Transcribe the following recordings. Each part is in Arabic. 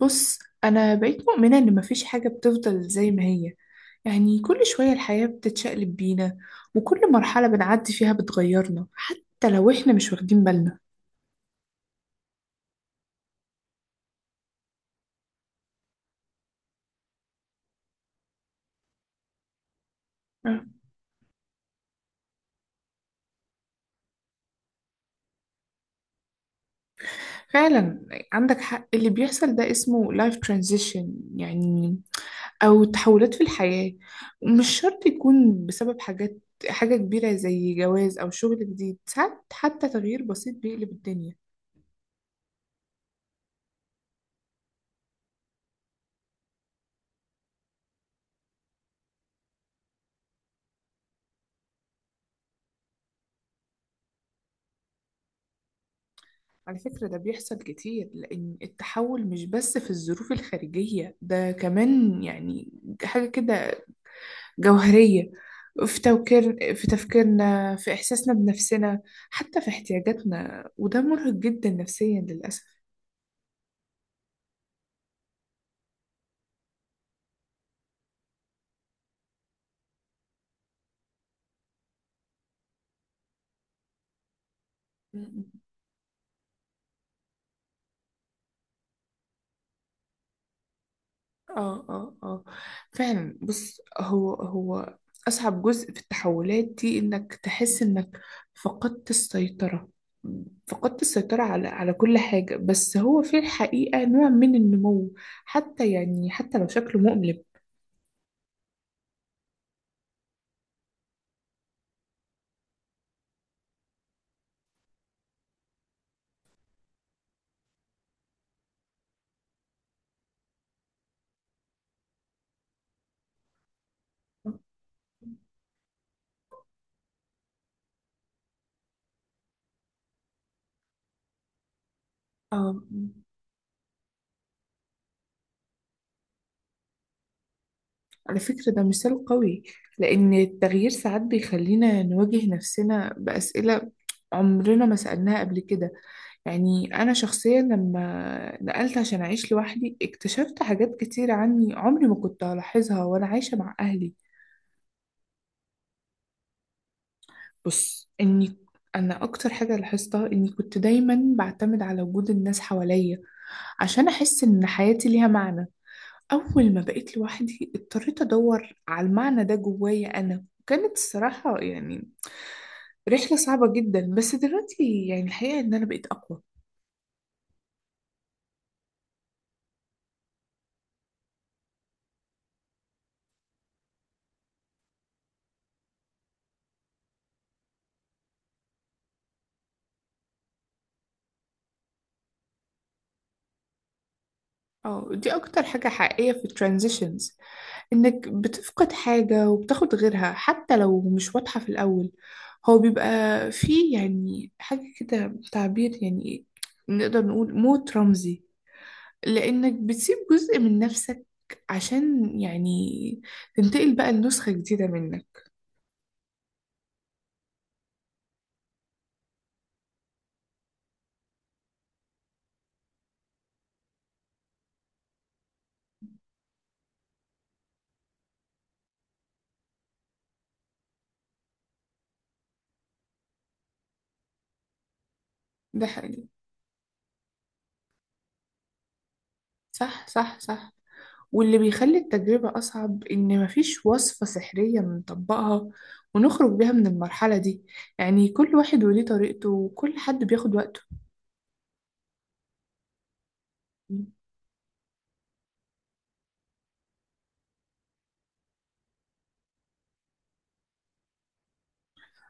بص، أنا بقيت مؤمنة إن مفيش حاجة بتفضل زي ما هي. يعني كل شوية الحياة بتتشقلب بينا، وكل مرحلة بنعدي فيها بتغيرنا حتى لو إحنا مش واخدين بالنا. أه. فعلا، عندك حق. اللي بيحصل ده اسمه life transition، يعني أو تحولات في الحياة. مش شرط يكون بسبب حاجات، حاجة كبيرة زي جواز أو شغل جديد، ساعات حتى تغيير بسيط بيقلب الدنيا. على فكرة ده بيحصل كتير، لأن التحول مش بس في الظروف الخارجية، ده كمان يعني حاجة كده جوهرية في تفكيرنا، في إحساسنا بنفسنا، حتى في احتياجاتنا، وده مرهق جدا نفسيا للأسف. اه اه اه. فعلا، بص هو أصعب جزء في التحولات دي إنك تحس إنك فقدت السيطرة. على كل حاجة، بس هو في الحقيقة نوع من النمو، حتى يعني حتى لو شكله مؤلم. آه، على فكرة ده مثال قوي، لأن التغيير ساعات بيخلينا نواجه نفسنا بأسئلة عمرنا ما سألناها قبل كده. يعني أنا شخصيا لما نقلت عشان أعيش لوحدي اكتشفت حاجات كتير عني عمري ما كنت هلاحظها وأنا عايشة مع أهلي. بص، أنا أكتر حاجة لاحظتها إني كنت دايما بعتمد على وجود الناس حواليا عشان أحس إن حياتي ليها معنى. أول ما بقيت لوحدي اضطريت أدور على المعنى ده جوايا أنا، وكانت الصراحة يعني رحلة صعبة جدا، بس دلوقتي يعني الحقيقة إن أنا بقيت أقوى. اه، دي أكتر حاجة حقيقية في الترانزيشنز، إنك بتفقد حاجة وبتاخد غيرها حتى لو مش واضحة في الأول. هو بيبقى فيه يعني حاجة كده، تعبير يعني نقدر نقول موت رمزي، لأنك بتسيب جزء من نفسك عشان يعني تنتقل بقى لنسخة جديدة منك. ده حقيقي. صح، صح، صح. واللي بيخلي التجربة أصعب إن مفيش وصفة سحرية بنطبقها ونخرج بيها من المرحلة دي. يعني كل واحد وليه طريقته وكل حد بياخد وقته.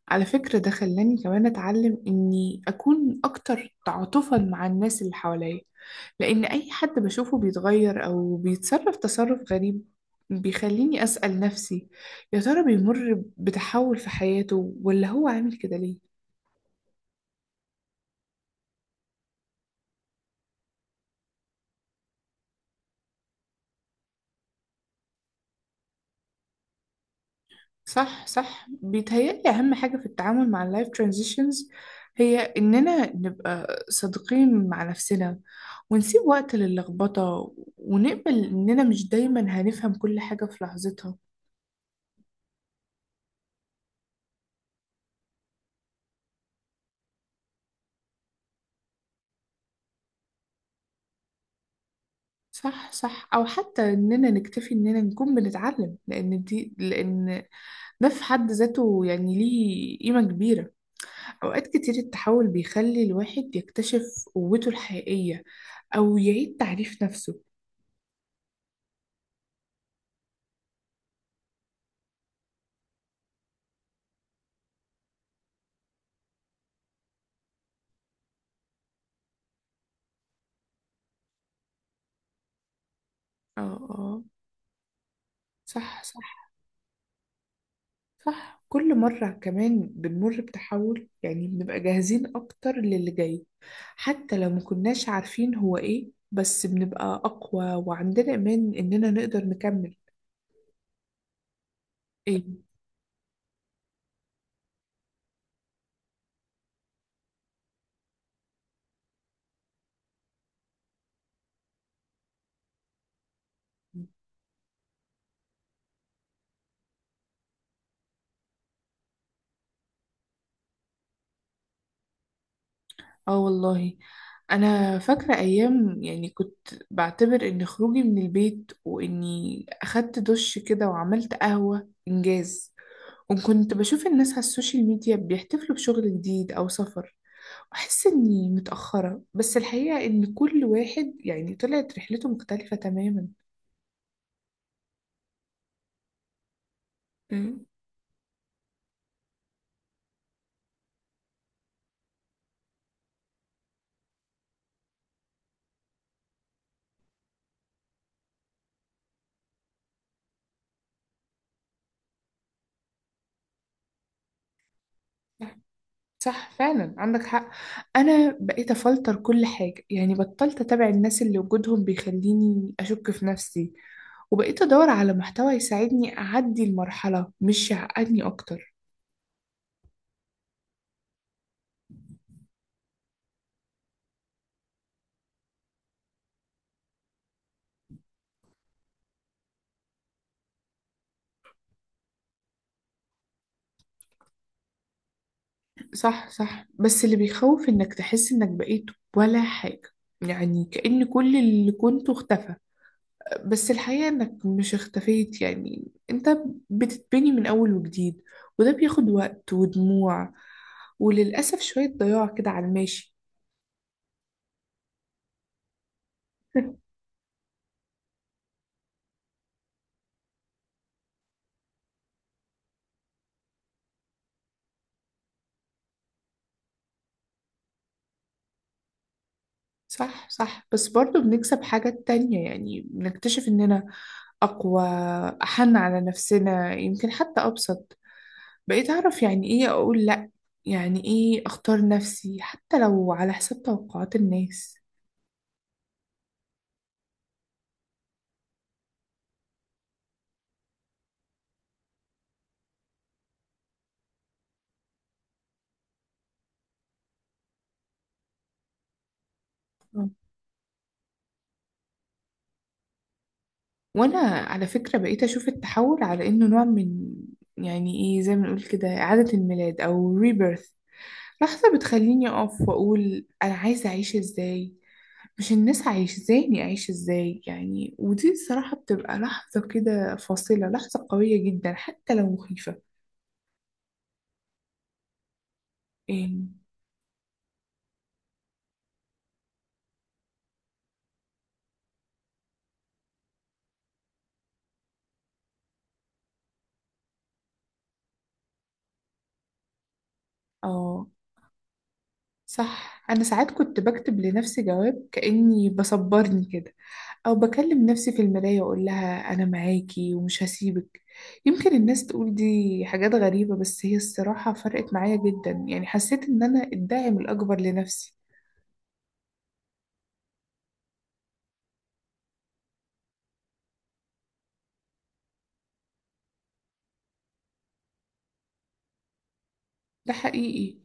على فكرة ده خلاني كمان أتعلم إني أكون أكتر تعاطفا مع الناس اللي حواليا، لأن أي حد بشوفه بيتغير أو بيتصرف تصرف غريب بيخليني أسأل نفسي: يا ترى بيمر بتحول في حياته ولا هو عامل كده ليه؟ صح، صح، بيتهيألي أهم حاجة في التعامل مع اللايف ترانزيشنز هي إننا نبقى صادقين مع نفسنا ونسيب وقت للخبطة ونقبل إننا مش دايما هنفهم كل حاجة في لحظتها. صح، صح، او حتى اننا نكتفي اننا نكون بنتعلم، لان دي لان ده في حد ذاته يعني ليه قيمة كبيرة. اوقات كتير التحول بيخلي الواحد يكتشف قوته الحقيقية، او يعيد تعريف نفسه. اه، اه. صح، صح، صح. كل مرة كمان بنمر بتحول يعني بنبقى جاهزين اكتر للي جاي، حتى لو ما كناش عارفين هو ايه، بس بنبقى اقوى وعندنا ايمان اننا نقدر نكمل. ايه. اه والله، انا فاكره ايام يعني كنت بعتبر ان خروجي من البيت واني اخدت دش كده وعملت قهوه انجاز. وكنت بشوف الناس على السوشيال ميديا بيحتفلوا بشغل جديد او سفر واحس اني متاخره، بس الحقيقه ان كل واحد يعني طلعت رحلته مختلفه تماما. مم. صح، فعلا، عندك حق. انا بقيت افلتر كل حاجه، يعني بطلت اتابع الناس اللي وجودهم بيخليني اشك في نفسي، وبقيت ادور على محتوى يساعدني اعدي المرحله مش يعقدني اكتر. صح، صح، بس اللي بيخوف انك تحس انك بقيت ولا حاجه، يعني كأن كل اللي كنته اختفى. بس الحقيقة انك مش اختفيت، يعني انت بتتبني من اول وجديد، وده بياخد وقت ودموع، وللأسف شوية ضياع كده على الماشي. صح، صح، بس برضو بنكسب حاجات تانية، يعني بنكتشف إننا أقوى، أحن على نفسنا، يمكن حتى أبسط. بقيت أعرف يعني إيه أقول لأ، يعني إيه أختار نفسي حتى لو على حساب توقعات الناس. مم. وأنا على فكرة بقيت أشوف التحول على إنه نوع من، يعني إيه زي ما نقول كده، إعادة الميلاد أو ريبيرث. لحظة بتخليني أقف وأقول أنا عايزة أعيش إزاي، مش الناس عايش ازاي، اعيش ازاي يعني. ودي الصراحة بتبقى لحظة كده فاصلة، لحظة قوية جدا حتى لو مخيفة. إيه، اه. صح، انا ساعات كنت بكتب لنفسي جواب كأني بصبرني كده، او بكلم نفسي في المراية واقول لها انا معاكي ومش هسيبك. يمكن الناس تقول دي حاجات غريبة، بس هي الصراحة فرقت معايا جدا. يعني حسيت ان انا الداعم الاكبر لنفسي. ده حقيقي.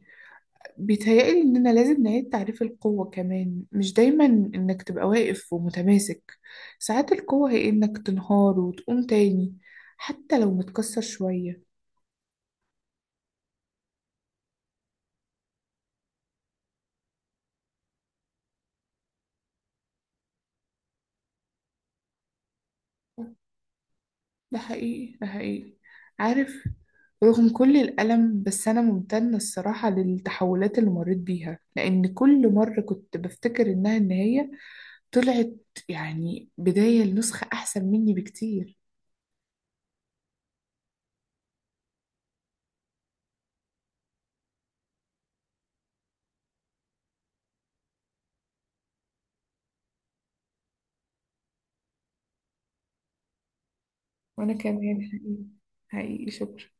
بيتهيألي إننا لازم نعيد تعريف القوة كمان، مش دايما إنك تبقى واقف ومتماسك. ساعات القوة هي إنك تنهار وتقوم تاني، حتى لو متكسر شوية. ده حقيقي، ده حقيقي. عارف، رغم كل الألم بس أنا ممتنة الصراحة للتحولات اللي مريت بيها، لأن كل مرة كنت بفتكر إنها النهاية طلعت يعني بداية لنسخة أحسن مني بكتير. وأنا كمان حقيقي. حقيقي، شكرا.